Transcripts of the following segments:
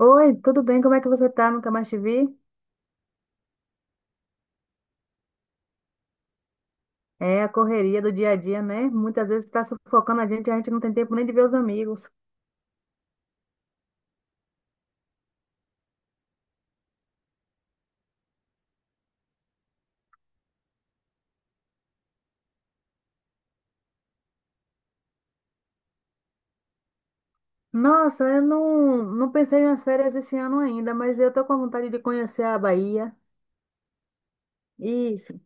Oi, tudo bem? Como é que você tá? Nunca mais te vi? É a correria do dia a dia, né? Muitas vezes tá sufocando a gente não tem tempo nem de ver os amigos. Nossa, eu não pensei nas férias esse ano ainda, mas eu tô com vontade de conhecer a Bahia. Isso,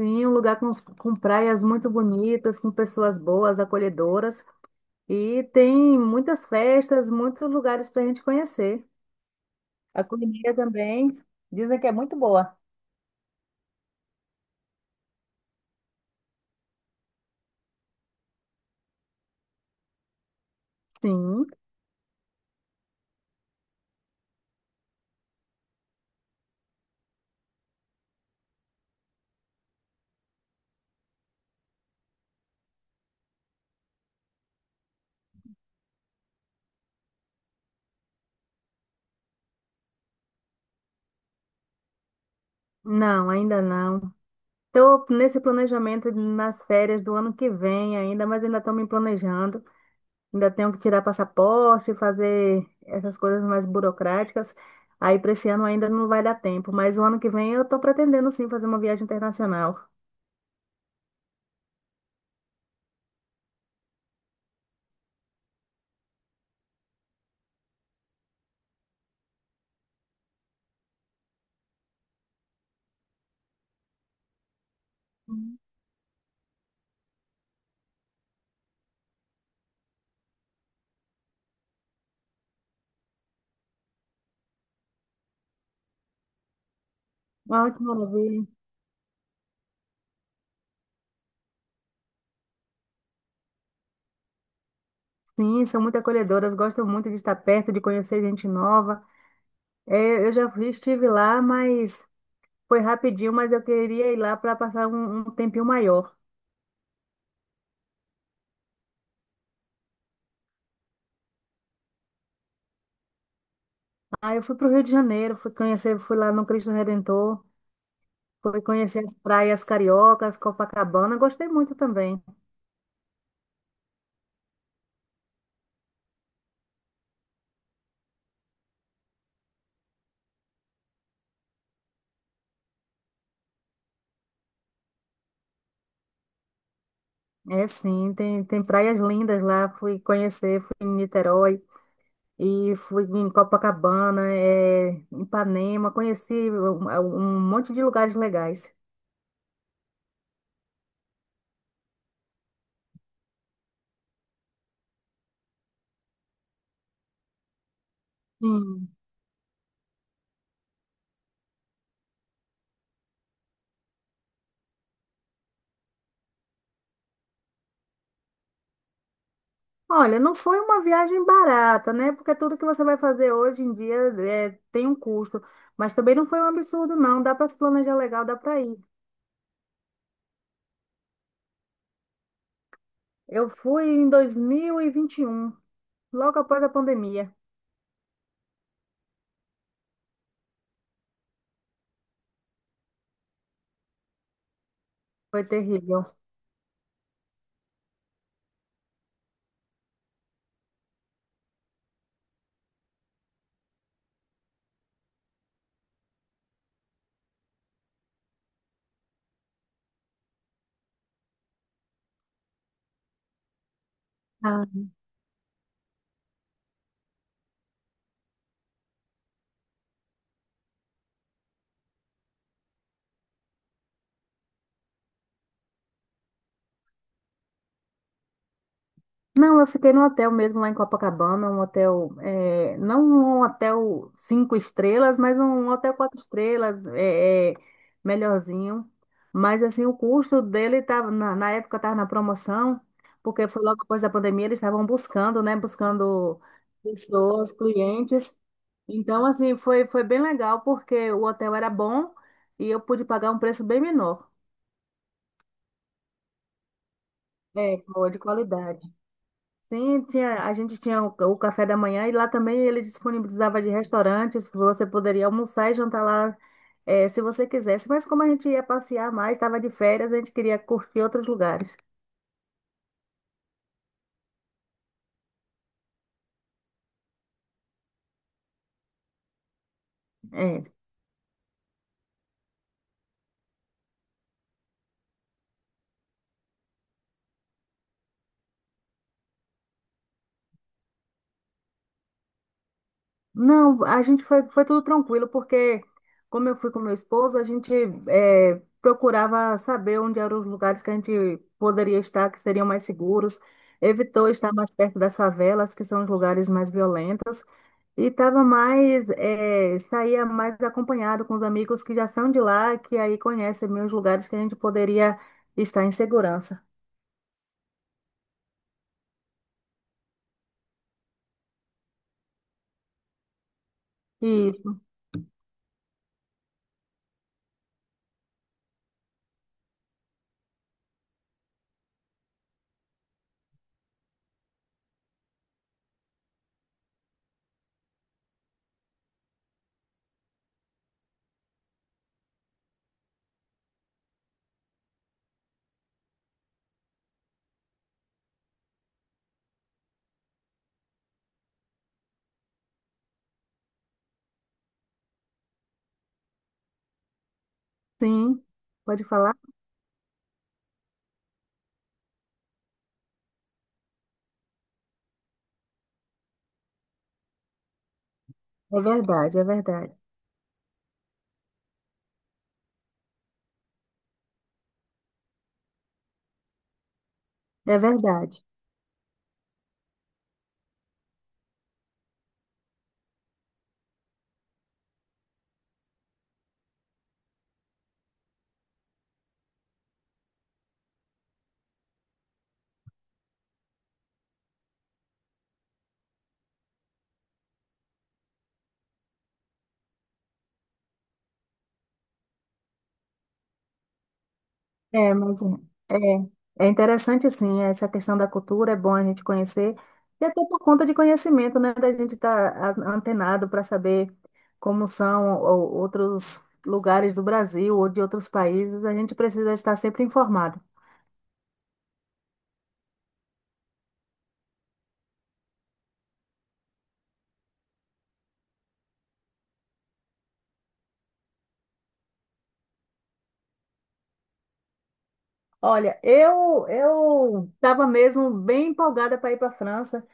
sim, um com praias muito bonitas, com pessoas boas, acolhedoras. E tem muitas festas, muitos lugares para a gente conhecer. A culinária também, dizem que é muito boa. Sim, não, ainda não. Estou nesse planejamento nas férias do ano que vem ainda, mas ainda estou me planejando. Ainda tenho que tirar passaporte, fazer essas coisas mais burocráticas. Aí para esse ano ainda não vai dar tempo, mas o ano que vem eu estou pretendendo sim fazer uma viagem internacional. Hum. Ah, que maravilha. Sim, são muito acolhedoras, gostam muito de estar perto, de conhecer gente nova. É, estive lá, mas foi rapidinho, mas eu queria ir lá para passar um tempinho maior. Aí eu fui para o Rio de Janeiro, fui conhecer, fui lá no Cristo Redentor. Fui conhecer as praias cariocas, Copacabana, gostei muito também. É sim, tem praias lindas lá, fui conhecer, fui em Niterói e fui em Copacabana, é, em Ipanema, conheci um monte de lugares legais. Sim. Olha, não foi uma viagem barata, né? Porque tudo que você vai fazer hoje em dia é, tem um custo, mas também não foi um absurdo, não. Dá para se planejar legal, dá para ir. Eu fui em 2021, logo após a pandemia. Foi terrível. Ah, não, eu fiquei no hotel mesmo lá em Copacabana, um hotel, não um hotel cinco estrelas, mas um hotel quatro estrelas, melhorzinho. Mas assim, o custo dele tava, na época estava na promoção, porque foi logo depois da pandemia, eles estavam buscando, né? Buscando pessoas, clientes. Então, assim, foi bem legal, porque o hotel era bom e eu pude pagar um preço bem menor. É, boa de qualidade. Sim, tinha, a gente tinha o café da manhã e lá também ele disponibilizava de restaurantes que você poderia almoçar e jantar lá, se você quisesse. Mas como a gente ia passear mais, estava de férias, a gente queria curtir outros lugares. É. Não, a gente foi, foi tudo tranquilo, porque como eu fui com meu esposo, a gente procurava saber onde eram os lugares que a gente poderia estar, que seriam mais seguros. Evitou estar mais perto das favelas, que são os lugares mais violentos. E tava mais, saía mais acompanhado com os amigos que já são de lá, que aí conhecem meus lugares que a gente poderia estar em segurança. E sim, pode falar? É verdade, é verdade, É verdade. É, mas é, é interessante sim, essa questão da cultura, é bom a gente conhecer, e até por conta de conhecimento, né, da gente estar antenado para saber como são outros lugares do Brasil ou de outros países, a gente precisa estar sempre informado. Olha, eu estava mesmo bem empolgada para ir para a França,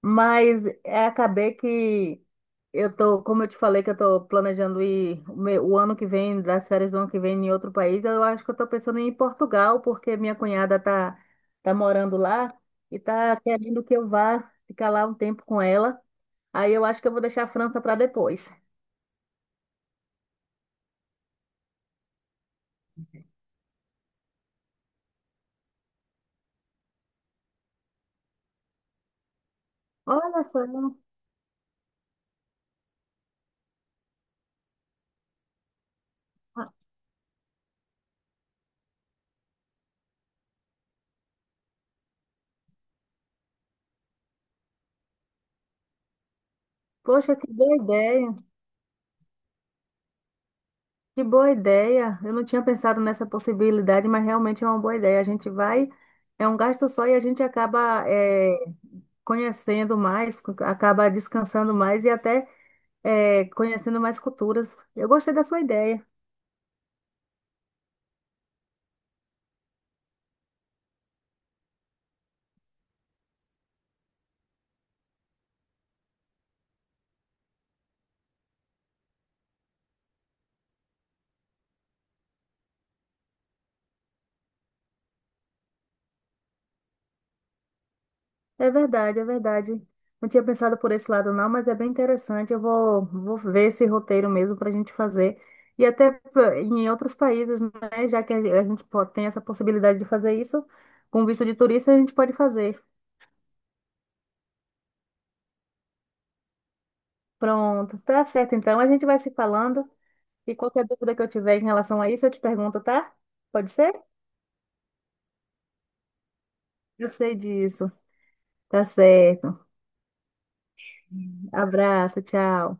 mas é, acabei que eu tô, como eu te falei, que eu tô planejando ir o ano que vem, das férias do ano que vem em outro país. Eu acho que eu tô pensando em ir em Portugal, porque minha cunhada tá morando lá e tá querendo que eu vá ficar lá um tempo com ela. Aí eu acho que eu vou deixar a França para depois. Olha só, poxa, que boa ideia. Que boa ideia! Eu não tinha pensado nessa possibilidade, mas realmente é uma boa ideia. A gente vai, é um gasto só e a gente acaba conhecendo mais, acaba descansando mais e até conhecendo mais culturas. Eu gostei da sua ideia. É verdade, é verdade. Não tinha pensado por esse lado, não, mas é bem interessante. Vou ver esse roteiro mesmo para a gente fazer. E até em outros países, né? Já que a tem essa possibilidade de fazer isso, com visto de turista, a gente pode fazer. Pronto, tá certo então. A gente vai se falando e qualquer dúvida que eu tiver em relação a isso, eu te pergunto, tá? Pode ser? Eu sei disso. Tá certo. Abraço, tchau.